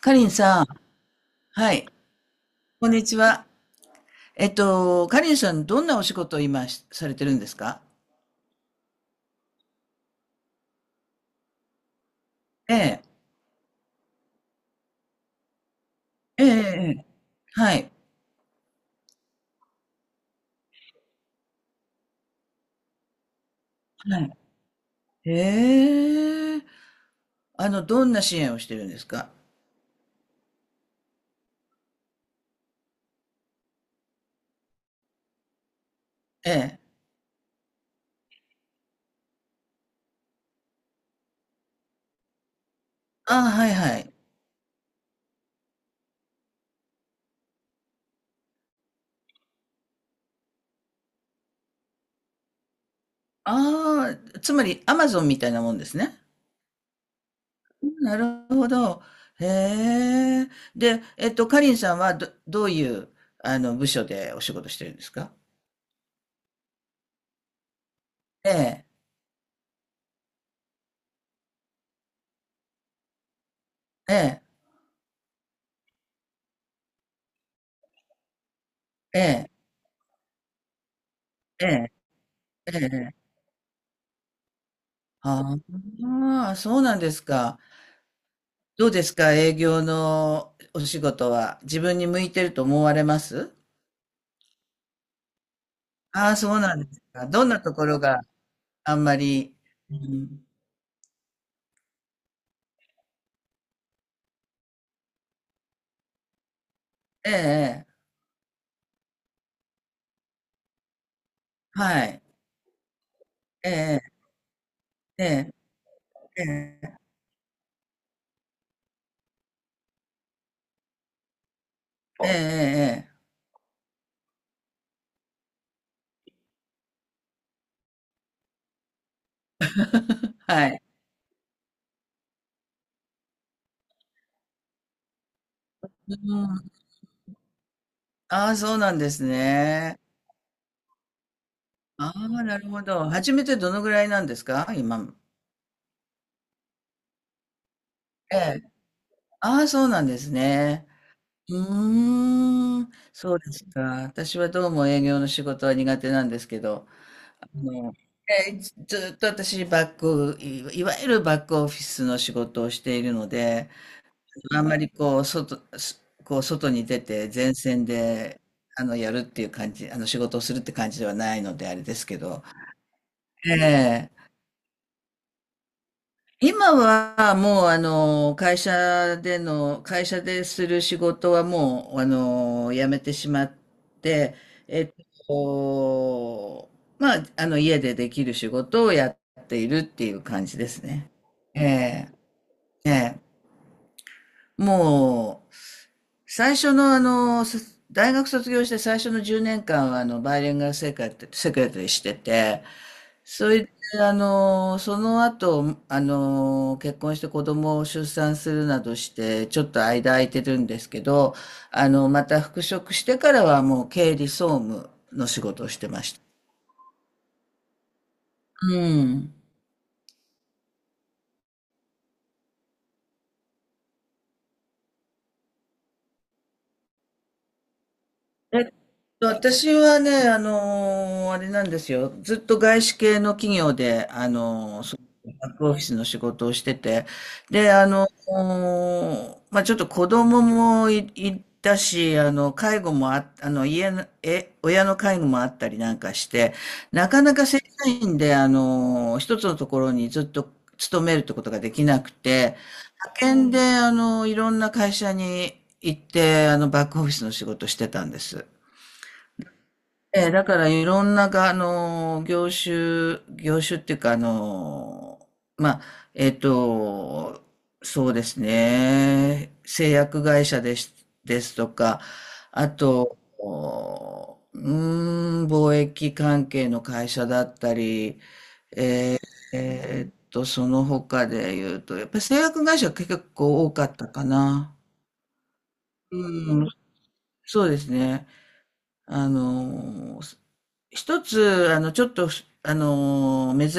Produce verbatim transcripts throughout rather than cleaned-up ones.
かりんさん、はい、こんにちは。えっと、かりんさん、どんなお仕事を今しされてるんですか？ええ、ええ、ええ、はい、はい。ええ、あの、どんな支援をしてるんですか？ええ、ああ、はい、はい。ああ、つまり、アマゾンみたいなもんですね。なるほど。へえ。で、えっと、かりんさんはど、どういう、あの、部署でお仕事してるんですか？ええ、ええ、ええ、ええ、ええ。ああ、そうなんですか。どうですか、営業のお仕事は。自分に向いてると思われますああ、そうなんですか。どんなところが？あんまり、うん、ええ、ええ、はい、ええ、ええ、ええ、ええ、ええ、はい。うん、ああ、そうなんですね。ああ、なるほど。初めてどのぐらいなんですか、今。ええ。ああ、そうなんですね。うーん、そうですか。私はどうも営業の仕事は苦手なんですけど、あの、えーずずっと私バック、いいわゆるバックオフィスの仕事をしているので、あんまりこう、外、すこう外に出て前線で、あの、やるっていう感じ、あの、仕事をするって感じではないので、あれですけど、ええ、今はもうあの会社での会社でする仕事はもうあの辞めてしまって、えっとまああの家でできる仕事をやっているっていう感じですね。ええ、ええ、もう、最初のあの、そ大学卒業して最初のじゅうねんかんはあの、バイリンガルセクレタリーセクレタリーしてて、それで、あの、その後、あの、結婚して子供を出産するなどして、ちょっと間空いてるんですけど、あの、また復職してからはもう経理総務の仕事をしてました。うん。私はね、あのーあれなんですよ。ずっと外資系の企業で、あのーそうバックオフィスの仕事をしてて、で、あのーまあ、ちょっと子供もい、いたし、あの、介護もあ、あの、家の、え、親の介護もあったりなんかして、なかなか正社員で、あのー一つのところにずっと勤めるってことができなくて、派遣で、あのいろんな会社に行って、あの、バックオフィスの仕事してたんです。ええ、だからいろんなが、あの、業種、業種っていうか、あの、まあ、えっと、そうですね、製薬会社です、ですとか、あと、おうーん、貿易関係の会社だったり、えっと、その他で言うと、やっぱり製薬会社が結構多かったかな。うん、そうですね。あの、一つ、あの、ちょっと、あの、珍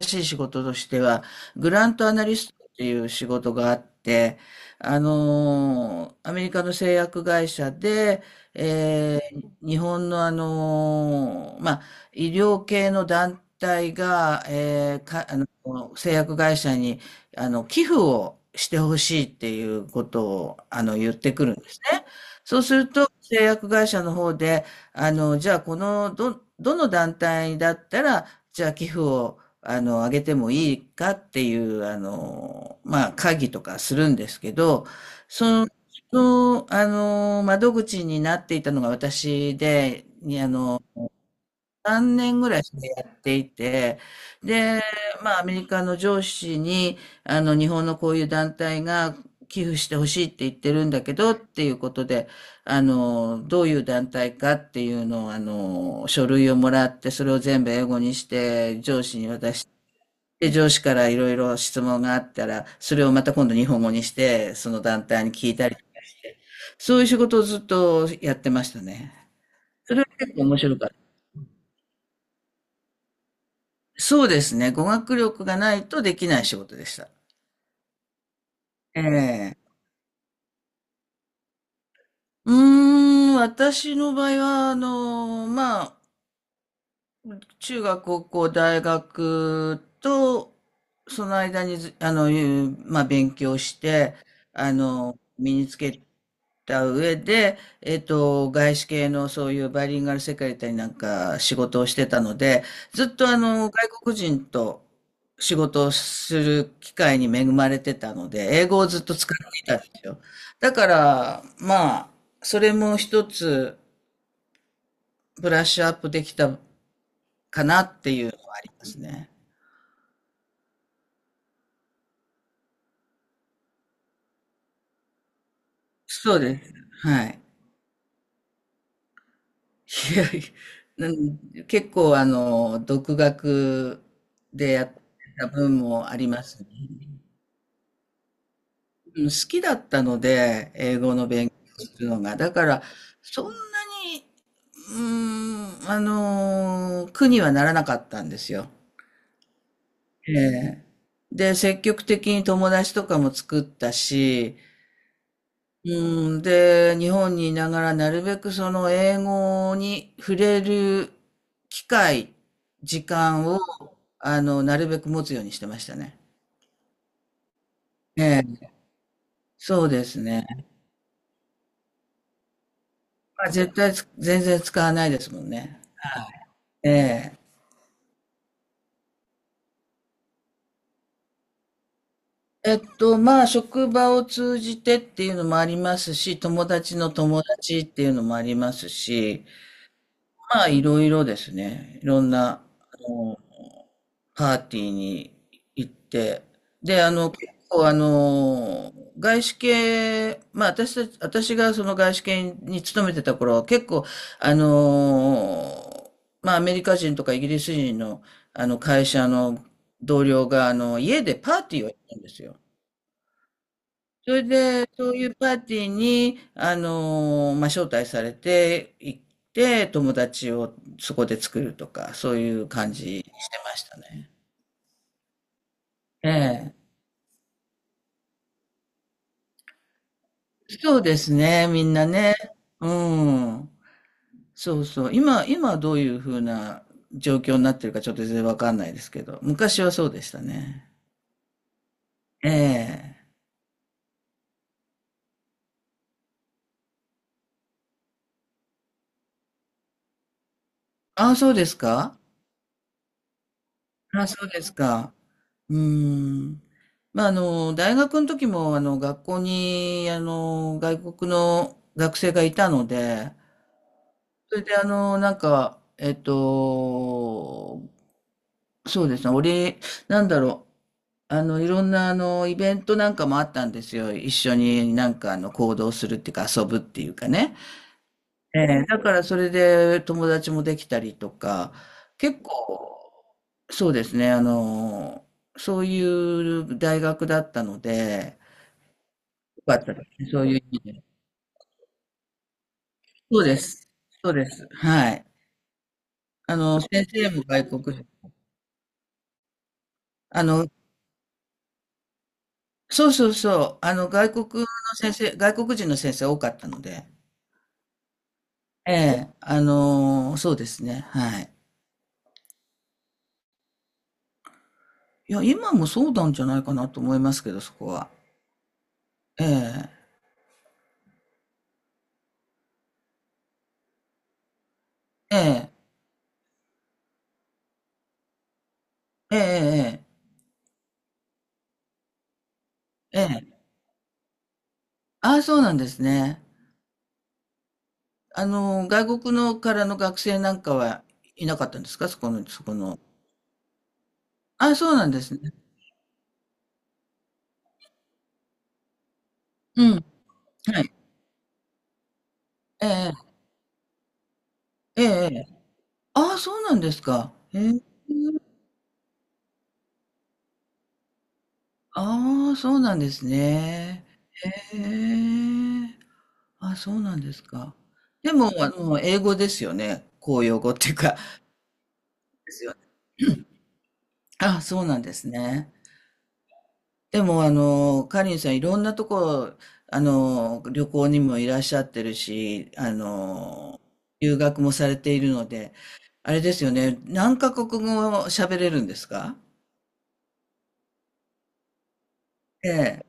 しい仕事としては、グラントアナリストっていう仕事があって、あの、アメリカの製薬会社で、えー日本のあの、まあ、医療系の団体が、えーか、あの、製薬会社に、あの、寄付をしてほしいっていうことを、あの、言ってくるんですね。そうすると、製薬会社の方で、あの、じゃあこの、ど、どの団体だったら、じゃあ寄付を、あの、あげてもいいかっていう、あの、まあ、会議とかするんですけど、その、そのあの、窓口になっていたのが私で、にあの、さんねんていて、で、まあ、アメリカの上司に、あの、日本のこういう団体が寄付してほしいって言ってるんだけど、っていうことで、あの、どういう団体かっていうのを、あの、書類をもらって、それを全部英語にして、上司に渡して、で、上司からいろいろ質問があったら、それをまた今度日本語にして、その団体に聞いたりとかして、そういう仕事をずっとやってましたね。それは結構面白かった。そうですね。語学力がないとできない仕事でした。ええ。うーん、私の場合は、あの、まあ、中学、高校、大学と、その間にず、あの、いうまあ、勉強して、あの、身につけた上で、えっと、外資系のそういうバイリンガルセクレタリーなんか仕事をしてたので、ずっとあの、外国人と仕事をする機会に恵まれてたので、英語をずっと使っていたんですよ。だから、まあ、それも一つブラッシュアップできたかなっていうのはありますね。そうです。はい。いやいや、なん結構あの、独学でやってた分もありますね。うん、好きだったので、英語の勉強するのが。だから、そんなに、うーん、あの苦にはならなかったんですよ。ええ、で、積極的に友達とかも作ったし、うん、で、日本にいながらなるべくその英語に触れる機会、時間を、あの、なるべく持つようにしてましたね。ええ、そうですね。まあ、絶対つ全然使わないですもんね。ええ。えっと、まあ、職場を通じてっていうのもありますし、友達の友達っていうのもありますし、まあ、いろいろですね。いろんな、あの、パーティーに行って、で、あの、結構、あの、外資系、まあ、私たち、私がその外資系に勤めてた頃は、結構、あの、まあ、アメリカ人とかイギリス人の、あの、会社の同僚が、あの、家でパーティーをやったんですよ。それで、そういうパーティーに、あのーまあ、招待されて行って、友達をそこで作るとか、そういう感じにしてましたね。ええ。そうですね、みんなね。うん。そうそう。今、今どういうふうな状況になってるかちょっと全然わかんないですけど、昔はそうでしたね。ええ。ああ、そうですか。あ、そうですか。うーん。まあ、あの、大学の時も、あの、学校に、あの、外国の学生がいたので、それで、あの、なんか、えっと、そうですね、俺、なんだろう、あの、いろんな、あの、イベントなんかもあったんですよ。一緒になんか、あの、行動するっていうか、遊ぶっていうかね。ええ、だからそれで友達もできたりとか、結構、そうですね、あの、そういう大学だったので、よかったですね、そういう意味で。そうです、そうです、はい。あの、先生も外国人、あの、そうそうそう、あの、外国の先生、外国人の先生多かったので、ええ、あの、そうですね、はい。いや、今もそうなんじゃないかなと思いますけど、そこは。ええ、ええ、ええ、ええ、ええ。ああ、そうなんですね。あの、外国のからの学生なんかはいなかったんですか、そこの、そこの。ああ、そうなんですね。うん。はい。ええ、ええ、ええ。ああ、そうなんですか。へえ。ああ、そうなんですね。へえ。あ、そうなんですか。でも、あの、英語ですよね。公用語っていうか。ですよね。ああ、そうなんですね。でも、あの、カリンさん、いろんなとこ、あの、旅行にもいらっしゃってるし、あの、留学もされているので、あれですよね、何カ国語喋れるんですか？ええ、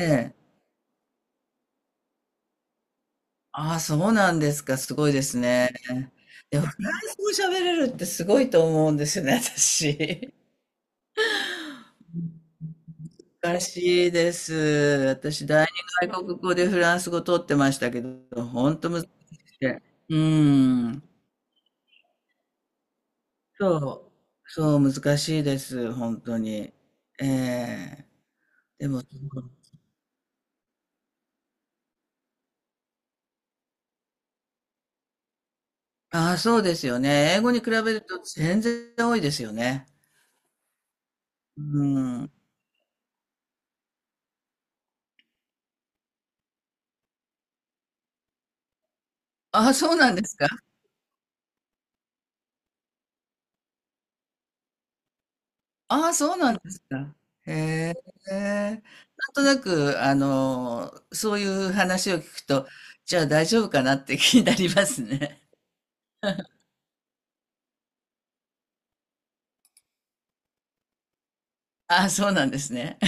ええ。ああ、そうなんですか、すごいですね。でも、フランス語喋れるってすごいと思うんですよね、私。難しいです。私、第二外国語でフランス語取ってましたけど、本当難しくて。うん。そう、そう、難しいです、本当に。ええ、でも、ああ、そうですよね。英語に比べると全然多いですよね。うん。ああ、そうなんですか。ああ、そうなんですか。へえ。なんとなく、あの、そういう話を聞くと、じゃあ大丈夫かなって気になりますね。ああ、そうなんですね。